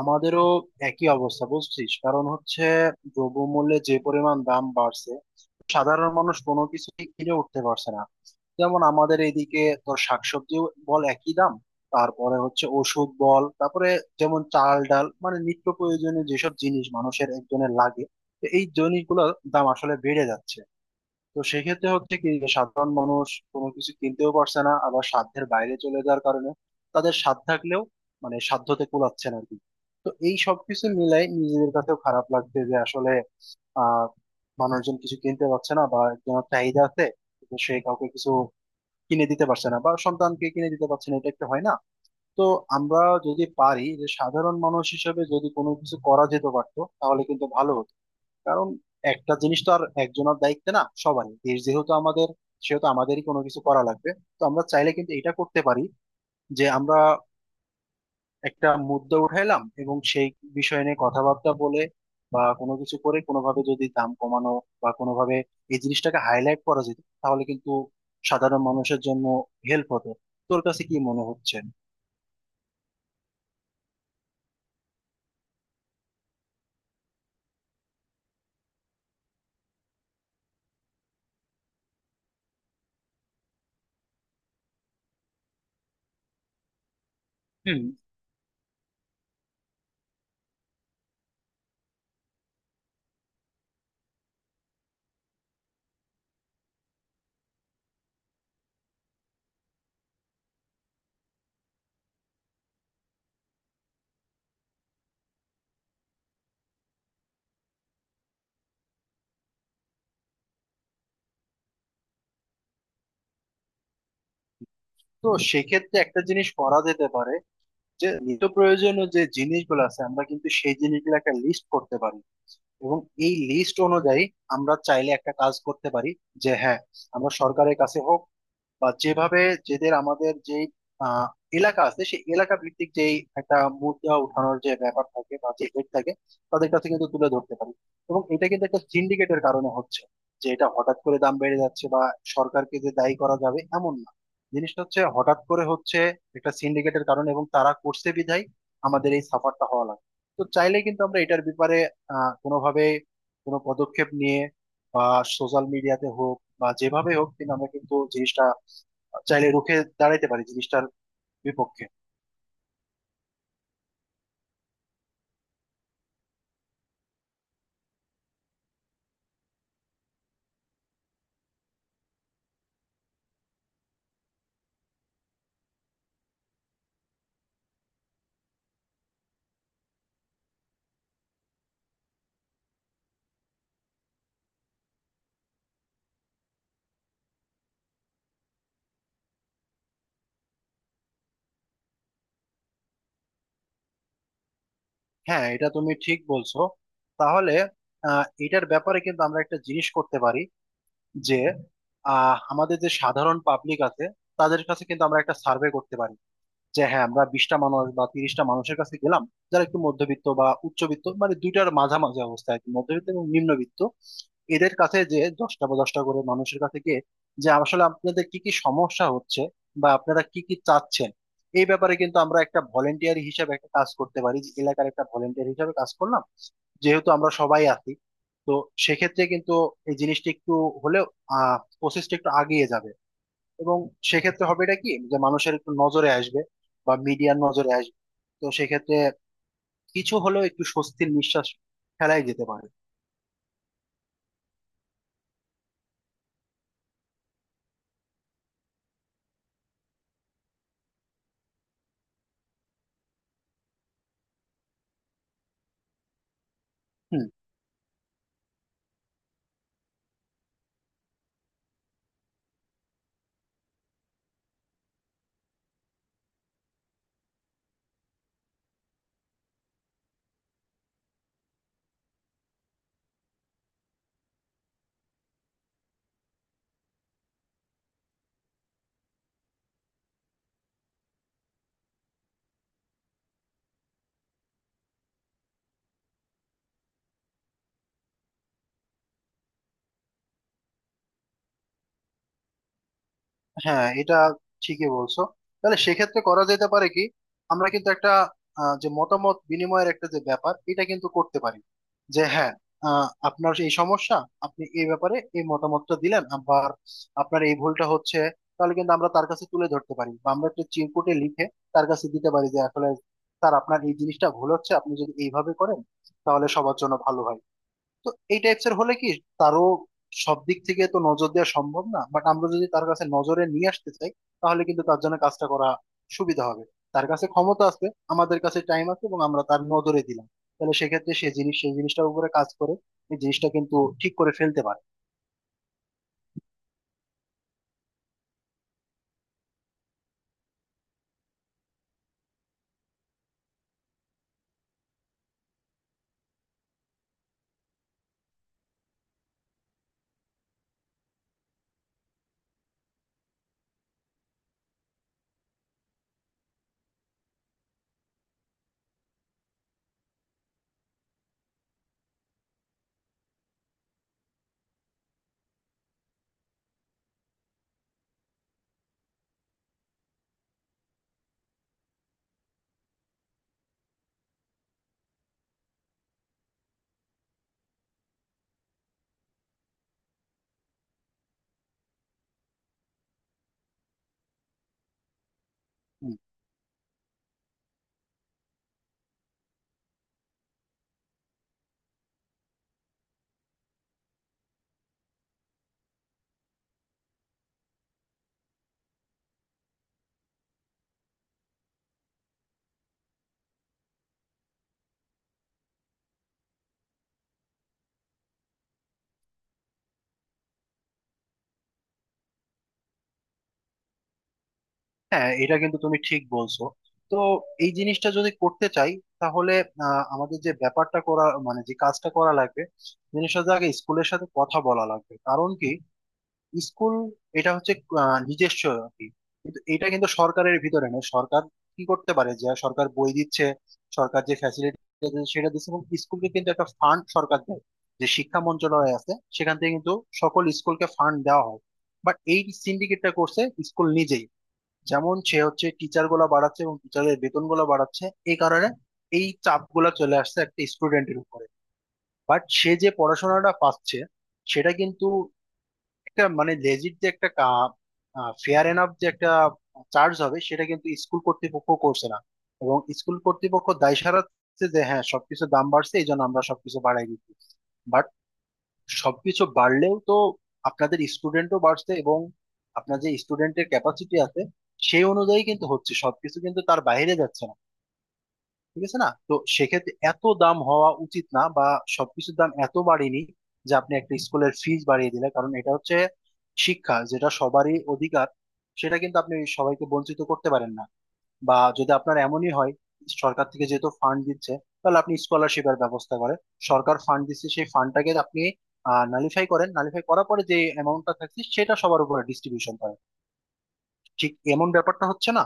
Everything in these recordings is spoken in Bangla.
আমাদেরও একই অবস্থা বুঝছিস। কারণ হচ্ছে দ্রব্যমূল্যে যে পরিমাণ দাম বাড়ছে, সাধারণ মানুষ কোনো কিছুই কিনে উঠতে পারছে না। যেমন আমাদের এইদিকে তোর শাকসবজি বল, একই দাম। তারপরে হচ্ছে ওষুধ বল, তারপরে যেমন চাল ডাল, মানে নিত্য প্রয়োজনীয় যেসব জিনিস মানুষের একজনের লাগে, তো এই জিনিসগুলোর দাম আসলে বেড়ে যাচ্ছে। তো সেক্ষেত্রে হচ্ছে কি, যে সাধারণ মানুষ কোনো কিছু কিনতেও পারছে না, আবার সাধ্যের বাইরে চলে যাওয়ার কারণে তাদের সাধ্য থাকলেও মানে সাধ্যতে কুলাচ্ছে না আর কি। তো এই সব কিছু মিলাই নিজেদের কাছেও খারাপ লাগছে যে আসলে আহ মানুষজন কিছু কিনতে পারছে না, বা একজনের চাহিদা আছে কিন্তু সে কাউকে কিছু কিনে দিতে পারছে না, বা সন্তানকে কিনে দিতে পারছে না, এটা একটা হয় না। তো আমরা যদি পারি, যে সাধারণ মানুষ হিসেবে যদি কোনো কিছু করা যেতে পারতো তাহলে কিন্তু ভালো হতো। কারণ একটা জিনিস তো আর একজনের দায়িত্ব না, সবারই দেশ যেহেতু আমাদের, সেহেতু আমাদেরই কোনো কিছু করা লাগবে। তো আমরা চাইলে কিন্তু এটা করতে পারি, যে আমরা একটা মুদ্দা উঠাইলাম এবং সেই বিষয় নিয়ে কথাবার্তা বলে বা কোনো কিছু করে কোনোভাবে যদি দাম কমানো বা কোনোভাবে এই জিনিসটাকে হাইলাইট করা যেত, তাহলে কিন্তু সাধারণ মানুষের জন্য হেল্প হতো। তোর কাছে কি মনে হচ্ছে? হুম। তো সেক্ষেত্রে একটা জিনিস করা যেতে পারে, যে নিত্য প্রয়োজনীয় যে জিনিসগুলো আছে আমরা কিন্তু সেই জিনিসগুলো একটা লিস্ট করতে পারি। এবং এই লিস্ট অনুযায়ী আমরা চাইলে একটা কাজ করতে পারি, যে হ্যাঁ আমরা সরকারের কাছে হোক বা যেভাবে, যেদের আমাদের যে আহ, এলাকা আছে সেই এলাকা ভিত্তিক যেই একটা মুদ্রা উঠানোর যে ব্যাপার থাকে বা যে হেড থাকে, তাদের কাছে কিন্তু তুলে ধরতে পারি। এবং এটা কিন্তু একটা সিন্ডিকেটের কারণে হচ্ছে, যে এটা হঠাৎ করে দাম বেড়ে যাচ্ছে, বা সরকারকে যে দায়ী করা যাবে এমন না। জিনিসটা হচ্ছে হঠাৎ করে হচ্ছে একটা সিন্ডিকেটের কারণে, এবং তারা করছে বিধায় আমাদের এই সাফারটা হওয়া লাগে। তো চাইলে কিন্তু আমরা এটার ব্যাপারে কোনোভাবে কোনো পদক্ষেপ নিয়ে বা সোশ্যাল মিডিয়াতে হোক বা যেভাবে হোক, কিন্তু আমরা কিন্তু জিনিসটা চাইলে রুখে দাঁড়াইতে পারি, জিনিসটার বিপক্ষে। হ্যাঁ এটা তুমি ঠিক বলছো। তাহলে এটার ব্যাপারে কিন্তু আমরা একটা জিনিস করতে পারি, যে আমাদের যে সাধারণ পাবলিক আছে তাদের কাছে কিন্তু আমরা একটা সার্ভে করতে পারি, যে হ্যাঁ আমরা 20টা মানুষ বা 30টা মানুষের কাছে গেলাম, যারা একটু মধ্যবিত্ত বা উচ্চবিত্ত মানে দুইটার মাঝামাঝি অবস্থা আর কি, মধ্যবিত্ত এবং নিম্নবিত্ত। এদের কাছে যে 10টা বা 10টা করে মানুষের কাছে গিয়ে যে আসলে আপনাদের কি কি সমস্যা হচ্ছে বা আপনারা কি কি চাচ্ছেন, এই ব্যাপারে কিন্তু আমরা একটা ভলেন্টিয়ার হিসাবে একটা কাজ করতে পারি, যে এলাকার একটা ভলেন্টিয়ার হিসাবে কাজ করলাম, যেহেতু আমরা সবাই আছি। তো সেক্ষেত্রে কিন্তু এই জিনিসটা একটু হলেও প্রসেসটা একটু আগিয়ে যাবে। এবং সেক্ষেত্রে হবে এটা কি যে মানুষের একটু নজরে আসবে বা মিডিয়ার নজরে আসবে। তো সেক্ষেত্রে কিছু হলেও একটু স্বস্তির নিঃশ্বাস ফেলাই যেতে পারে। হুম। হ্যাঁ এটা ঠিকই বলছো। তাহলে সেক্ষেত্রে করা যেতে পারে কি, আমরা কিন্তু একটা যে মতামত বিনিময়ের একটা যে ব্যাপার, এটা কিন্তু করতে পারি, যে হ্যাঁ আপনার এই সমস্যা, আপনি এই ব্যাপারে এই মতামতটা দিলেন, আবার আপনার এই ভুলটা হচ্ছে। তাহলে কিন্তু আমরা তার কাছে তুলে ধরতে পারি, বা আমরা একটা চিরকুটে লিখে তার কাছে দিতে পারি যে আসলে স্যার, আপনার এই জিনিসটা ভুল হচ্ছে, আপনি যদি এইভাবে করেন তাহলে সবার জন্য ভালো হয়। তো এই টাইপস এর হলে কি তারও সব দিক থেকে তো নজর দেওয়া সম্ভব না, বাট আমরা যদি তার কাছে নজরে নিয়ে আসতে চাই, তাহলে কিন্তু তার জন্য কাজটা করা সুবিধা হবে। তার কাছে ক্ষমতা আছে, আমাদের কাছে টাইম আছে, এবং আমরা তার নজরে দিলাম, তাহলে সেক্ষেত্রে সে জিনিস সেই জিনিসটার উপরে কাজ করে এই জিনিসটা কিন্তু ঠিক করে ফেলতে পারে। হুম। হ্যাঁ এটা কিন্তু তুমি ঠিক বলছো। তো এই জিনিসটা যদি করতে চাই তাহলে আমাদের যে ব্যাপারটা করা মানে যে কাজটা করা লাগবে, জিনিসটা আগে স্কুলের সাথে কথা বলা লাগবে। কারণ কি, স্কুল এটা হচ্ছে নিজস্ব আর কি। কিন্তু এটা কিন্তু সরকারের ভিতরে নেই। সরকার কি করতে পারে, যে সরকার বই দিচ্ছে, সরকার যে ফ্যাসিলিটি সেটা দিচ্ছে, এবং স্কুলকে কিন্তু একটা ফান্ড সরকার দেয়, যে শিক্ষা মন্ত্রণালয় আছে সেখান থেকে কিন্তু সকল স্কুলকে ফান্ড দেওয়া হয়। বাট এই সিন্ডিকেটটা করছে স্কুল নিজেই। যেমন সে হচ্ছে টিচার গুলা বাড়াচ্ছে এবং টিচারের বেতন গুলা বাড়াচ্ছে, এই কারণে এই চাপ গুলা চলে আসছে একটা স্টুডেন্টের উপরে। বাট সে যে পড়াশোনাটা পাচ্ছে সেটা কিন্তু একটা মানে লেজিট, যে একটা ফেয়ার এনাফ যে একটা চার্জ হবে, সেটা কিন্তু স্কুল কর্তৃপক্ষ করছে না। এবং স্কুল কর্তৃপক্ষ দায় সারাচ্ছে যে হ্যাঁ, সবকিছু দাম বাড়ছে এই জন্য আমরা সবকিছু বাড়াই দিচ্ছি। বাট সবকিছু বাড়লেও তো আপনাদের স্টুডেন্টও বাড়ছে, এবং আপনার যে স্টুডেন্টের ক্যাপাসিটি আছে সেই অনুযায়ী কিন্তু হচ্ছে, সবকিছু কিন্তু তার বাইরে যাচ্ছে না, ঠিক আছে না? তো সেক্ষেত্রে এত দাম হওয়া উচিত না, বা সবকিছুর দাম এত বাড়েনি যে আপনি একটা স্কুলের ফিজ বাড়িয়ে দিলে, কারণ এটা হচ্ছে শিক্ষা, যেটা সবারই অধিকার, সেটা কিন্তু আপনি সবাইকে বঞ্চিত করতে পারেন না। বা যদি আপনার এমনই হয়, সরকার থেকে যেহেতু ফান্ড দিচ্ছে, তাহলে আপনি স্কলারশিপের ব্যবস্থা করেন। সরকার ফান্ড দিচ্ছে, সেই ফান্ডটাকে আপনি নালিফাই করেন, নালিফাই করার পরে যে অ্যামাউন্টটা থাকছে সেটা সবার উপরে ডিস্ট্রিবিউশন করেন। ঠিক এমন ব্যাপারটা হচ্ছে না।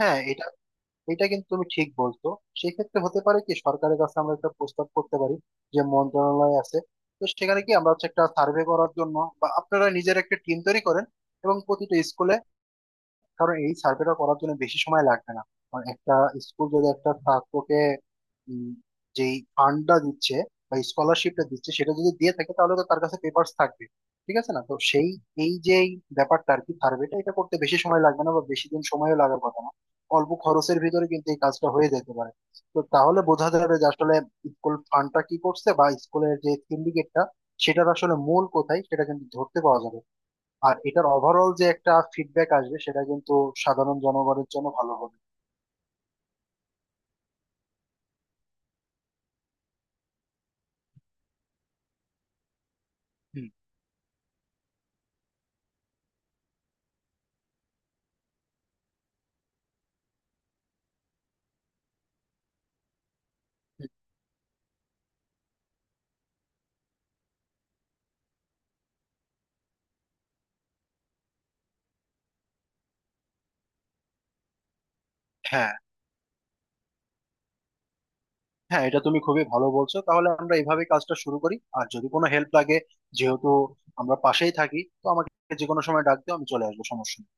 হ্যাঁ এটা এটা কিন্তু তুমি ঠিক বলছো। সেক্ষেত্রে হতে পারে কি, সরকারের কাছে আমরা একটা প্রস্তাব করতে পারি যে মন্ত্রণালয় আছে, তো সেখানে কি আমরা হচ্ছে একটা সার্ভে করার জন্য বা আপনারা নিজের একটা টিম তৈরি করেন, এবং প্রতিটা স্কুলে। কারণ এই সার্ভেটা করার জন্য বেশি সময় লাগবে না। কারণ একটা স্কুল যদি একটা ছাত্রকে উম, যেই ফান্ডটা দিচ্ছে বা স্কলারশিপটা দিচ্ছে, সেটা যদি দিয়ে থাকে তাহলে তো তার কাছে পেপার্স থাকবে, ঠিক আছে না? তো সেই এই যে ব্যাপারটা আর কি, সার্ভেটা এটা করতে বেশি সময় লাগবে না বা বেশি দিন সময়ও লাগার কথা না, অল্প খরচের ভিতরে কিন্তু এই কাজটা হয়ে যেতে পারে। তো তাহলে বোঝা যাবে যে আসলে স্কুল ফান্ডটা কি করছে, বা স্কুলের যে সিন্ডিকেটটা সেটার আসলে মূল কোথায় সেটা কিন্তু ধরতে পাওয়া যাবে। আর এটার ওভারঅল যে একটা ফিডব্যাক আসবে সেটা কিন্তু সাধারণ জনগণের জন্য ভালো হবে। হুম, হুম, হ্যাঁ, হ্যাঁ এটা তুমি খুবই ভালো বলছো। তাহলে আমরা এইভাবে কাজটা শুরু করি, আর যদি কোনো হেল্প লাগে, যেহেতু আমরা পাশেই থাকি, তো আমাকে যে কোনো সময় ডাক দিও, আমি চলে আসবো। সমস্যা নেই।